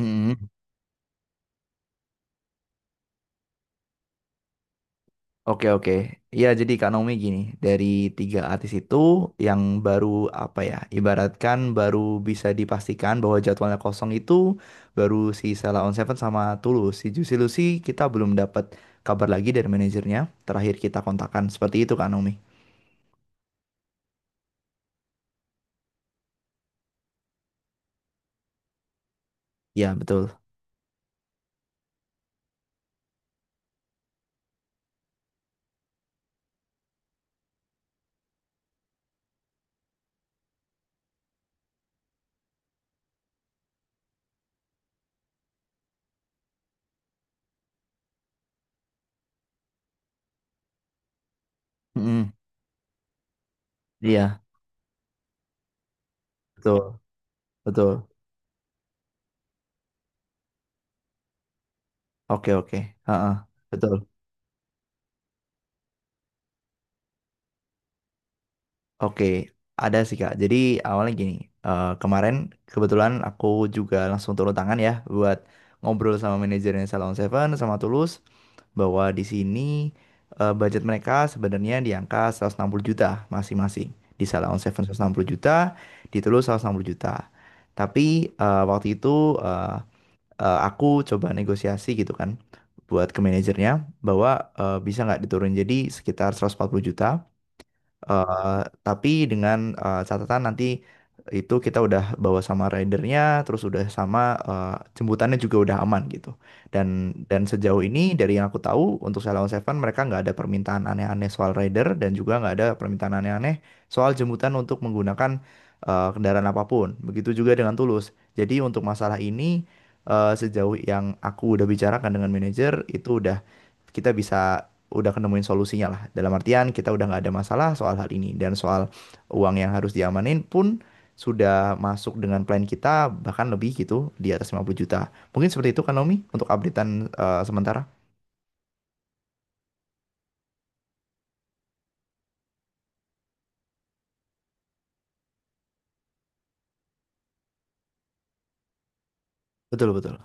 Mm-mm. Oke oke. Iya jadi Kak Naomi gini, dari tiga artis itu yang baru apa ya, ibaratkan baru bisa dipastikan bahwa jadwalnya kosong itu baru si Sheila on Seven sama Tulus. Si Juicy Lucy kita belum dapat kabar lagi dari manajernya. Terakhir kita kontakkan seperti itu Kak Naomi. Iya betul. Mm-mm. Iya betul betul. Oke oke. Heeh, betul. Oke, ada sih Kak. Jadi awalnya gini, kemarin kebetulan aku juga langsung turun tangan ya buat ngobrol sama manajernya Salon Seven sama Tulus bahwa di sini budget mereka sebenarnya di angka 160 juta masing-masing. Di Salon Seven 160 juta, di Tulus 160 juta. Tapi waktu itu eh, aku coba negosiasi gitu kan buat ke manajernya bahwa bisa nggak diturun jadi sekitar 140 juta. Eh, tapi dengan catatan nanti itu kita udah bawa sama ridernya, terus udah sama eh, jemputannya juga udah aman gitu. Dan dan sejauh ini dari yang aku tahu untuk Sailor Seven mereka nggak ada permintaan aneh-aneh soal rider dan juga nggak ada permintaan aneh-aneh soal jemputan untuk menggunakan kendaraan apapun. Begitu juga dengan Tulus. Jadi untuk masalah ini sejauh yang aku udah bicarakan dengan manajer itu udah kita bisa udah nemuin solusinya lah. Dalam artian kita udah nggak ada masalah soal hal ini dan soal uang yang harus diamanin pun sudah masuk dengan plan kita, bahkan lebih gitu di atas 50 juta. Mungkin seperti itu kan Naomi untuk updatean sementara. Betul betul.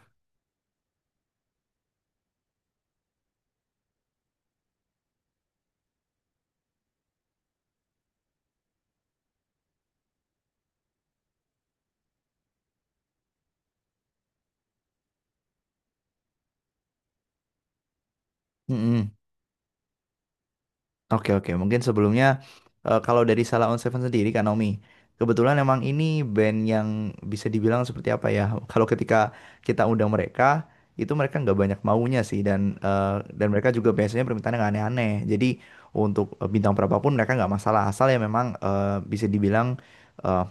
Oke oke, mungkin sebelumnya kalau dari Salah On Seven sendiri Kak Naomi, kebetulan emang ini band yang bisa dibilang seperti apa ya? Kalau ketika kita undang mereka, itu mereka nggak banyak maunya sih dan mereka juga biasanya permintaannya nggak aneh-aneh. Jadi untuk bintang berapapun mereka nggak masalah asal ya memang eh,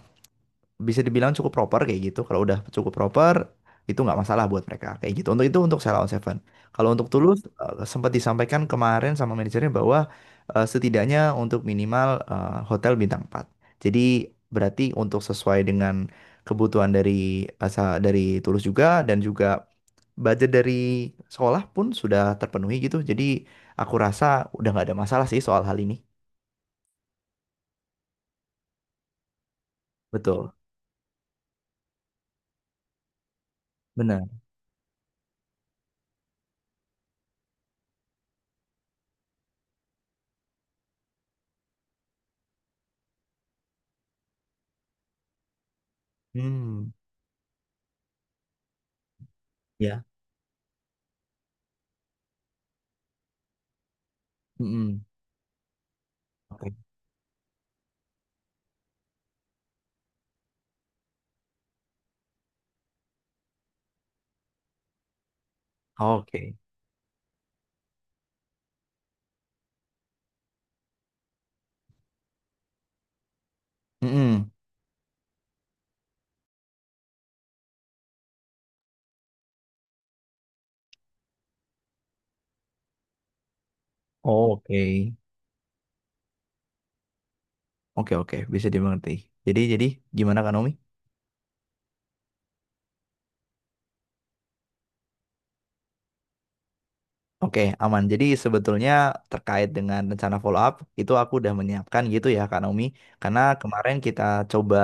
bisa dibilang cukup proper kayak gitu. Kalau udah cukup proper, itu nggak masalah buat mereka kayak gitu. Untuk Sheila on Seven. Kalau untuk Tulus sempat disampaikan kemarin sama manajernya bahwa setidaknya untuk minimal hotel bintang empat. Jadi berarti untuk sesuai dengan kebutuhan dari asa dari Tulus juga dan juga budget dari sekolah pun sudah terpenuhi gitu. Jadi aku rasa udah nggak ada masalah sih soal hal ini. Betul, benar. Hmm, ya. Mm-mm. Oke. Oke. Mm-mm. Oh, oke. Oke oke bisa dimengerti. Jadi gimana kan Omi? Oke aman. Jadi sebetulnya terkait dengan rencana follow up itu aku udah menyiapkan gitu ya Kak Naomi. Karena kemarin kita coba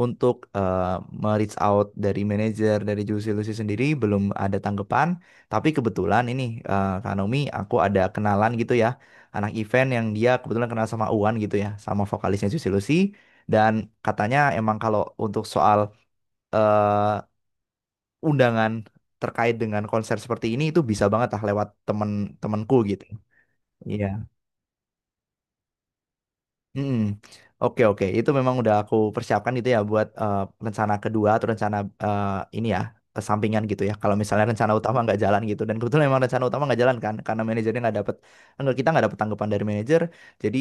untuk me-reach out dari manajer dari Juicy Lucy sendiri belum ada tanggapan. Tapi kebetulan ini Kak Naomi aku ada kenalan gitu ya, anak event yang dia kebetulan kenal sama Uwan gitu ya, sama vokalisnya Juicy Lucy. Dan katanya emang kalau untuk soal eh, undangan terkait dengan konser seperti ini itu bisa banget lah lewat temanku gitu. Iya. Mm-mm. Oke oke, itu memang udah aku persiapkan gitu ya buat rencana kedua atau rencana eh, ini ya, sampingan gitu ya. Kalau misalnya rencana utama nggak jalan gitu, dan kebetulan memang rencana utama nggak jalan kan, karena manajernya nggak dapet, enggak kita nggak dapet tanggapan dari manajer. Jadi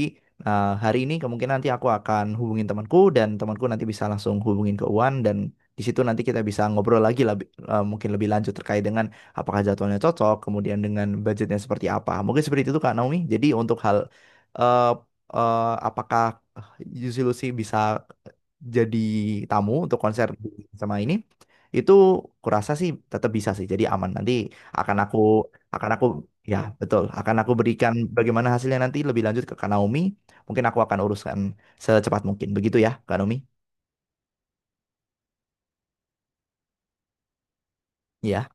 hari ini kemungkinan nanti aku akan hubungin temanku dan temanku nanti bisa langsung hubungin ke Uwan dan di situ nanti kita bisa ngobrol lagi lebih, mungkin lebih lanjut terkait dengan apakah jadwalnya cocok, kemudian dengan budgetnya seperti apa. Mungkin seperti itu Kak Naomi. Jadi untuk hal eh, eh, apakah Juicy Lucy bisa jadi tamu untuk konser di sama ini itu kurasa sih tetap bisa sih, jadi aman. Nanti akan aku akan aku ya betul akan aku berikan bagaimana hasilnya nanti lebih lanjut ke Kak Naomi. Mungkin aku akan uruskan secepat mungkin begitu ya Kak Naomi. Ya.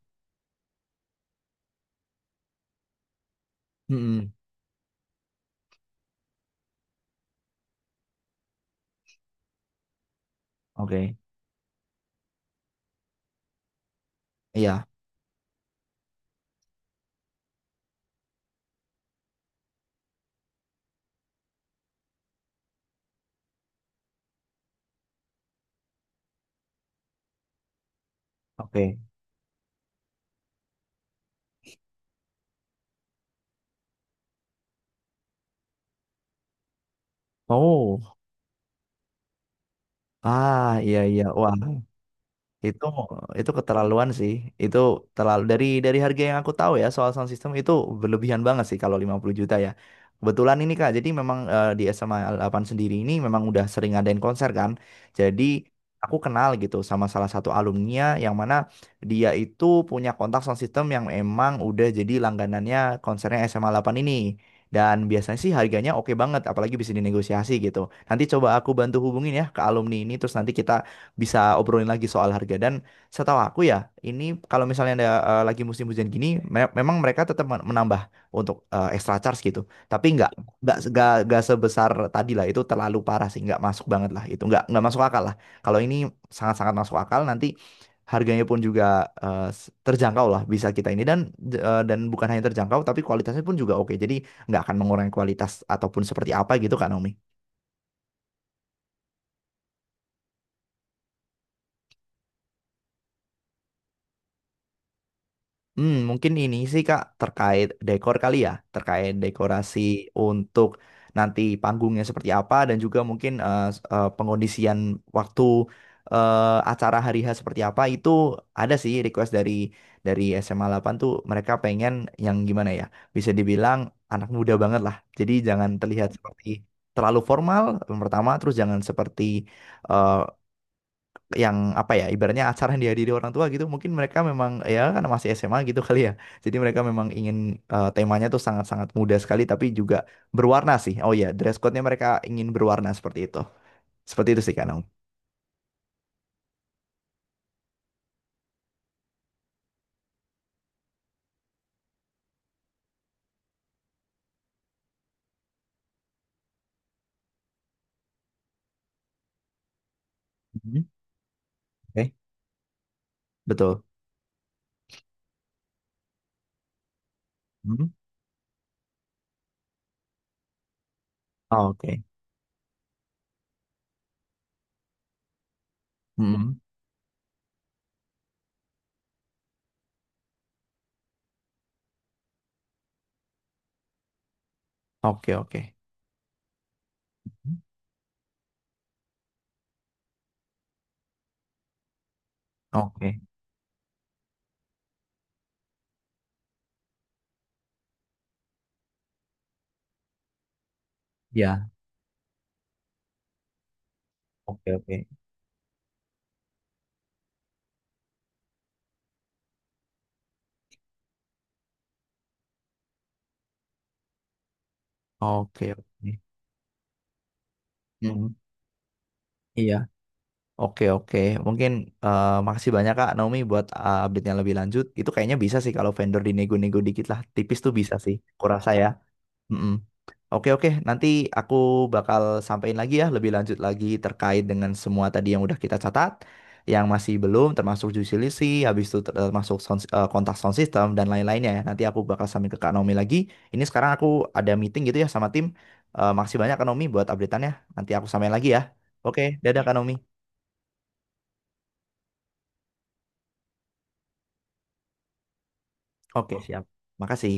Mm-mm. Oke. Iya. Oke. Oh. Ah, iya iya, wah. Itu itu keterlaluan sih. Itu terlalu dari harga yang aku tahu ya soal sound system itu, berlebihan banget sih kalau 50 juta ya. Kebetulan ini Kak, jadi memang di SMA 8 sendiri ini memang udah sering ngadain konser kan. Jadi aku kenal gitu sama salah satu alumni yang mana dia itu punya kontak sound system yang emang udah jadi langganannya konsernya SMA 8 ini. Dan biasanya sih harganya oke banget, apalagi bisa dinegosiasi gitu. Nanti coba aku bantu hubungin ya ke alumni ini, terus nanti kita bisa obrolin lagi soal harga. Dan setahu aku ya, ini kalau misalnya ada lagi musim hujan gini, memang mereka tetap menambah untuk extra charge gitu, tapi nggak sebesar tadi lah, itu terlalu parah sih, nggak masuk banget lah itu, nggak masuk akal lah. Kalau ini sangat-sangat masuk akal, nanti harganya pun juga terjangkau lah bisa kita ini. Dan bukan hanya terjangkau tapi kualitasnya pun juga oke, jadi nggak akan mengurangi kualitas ataupun seperti apa gitu kan Naomi. Hmm, mungkin ini sih Kak terkait dekor kali ya, terkait dekorasi untuk nanti panggungnya seperti apa dan juga mungkin pengondisian waktu acara hari H seperti apa. Itu ada sih request dari SMA 8 tuh, mereka pengen yang gimana ya? Bisa dibilang anak muda banget lah. Jadi jangan terlihat seperti terlalu formal yang pertama, terus jangan seperti eh, yang apa ya, ibaratnya acara yang dihadiri orang tua gitu. Mungkin mereka memang ya kan masih SMA gitu kali ya, jadi mereka memang ingin temanya tuh sangat-sangat muda sekali tapi juga berwarna sih. Oh ya, dress code-nya mereka ingin berwarna, seperti itu sih Kanong. Mhm. Oke. Betul. Mhm. Oh, oke. Mm. Oke oke. Mhm. Oke ya. Oke, oke. Oke oke. Mhm. Mm. Iya. Oke oke, mungkin makasih banyak Kak Naomi buat update-nya lebih lanjut. Itu kayaknya bisa sih kalau vendor dinego-nego dikit lah, tipis tuh bisa sih, kurasa ya. Mm-mm. Oke oke, nanti aku bakal sampaikan lagi ya, lebih lanjut lagi terkait dengan semua tadi yang udah kita catat, yang masih belum, termasuk juicy list, habis itu termasuk sound, kontak sound system dan lain-lainnya ya. Nanti aku bakal sampaikan ke Kak Naomi lagi. Ini sekarang aku ada meeting gitu ya sama tim. Makasih banyak Kak Naomi buat update-annya. Nanti aku sampaikan lagi ya. Oke, dadah Kak Naomi. Oke, siap. Makasih.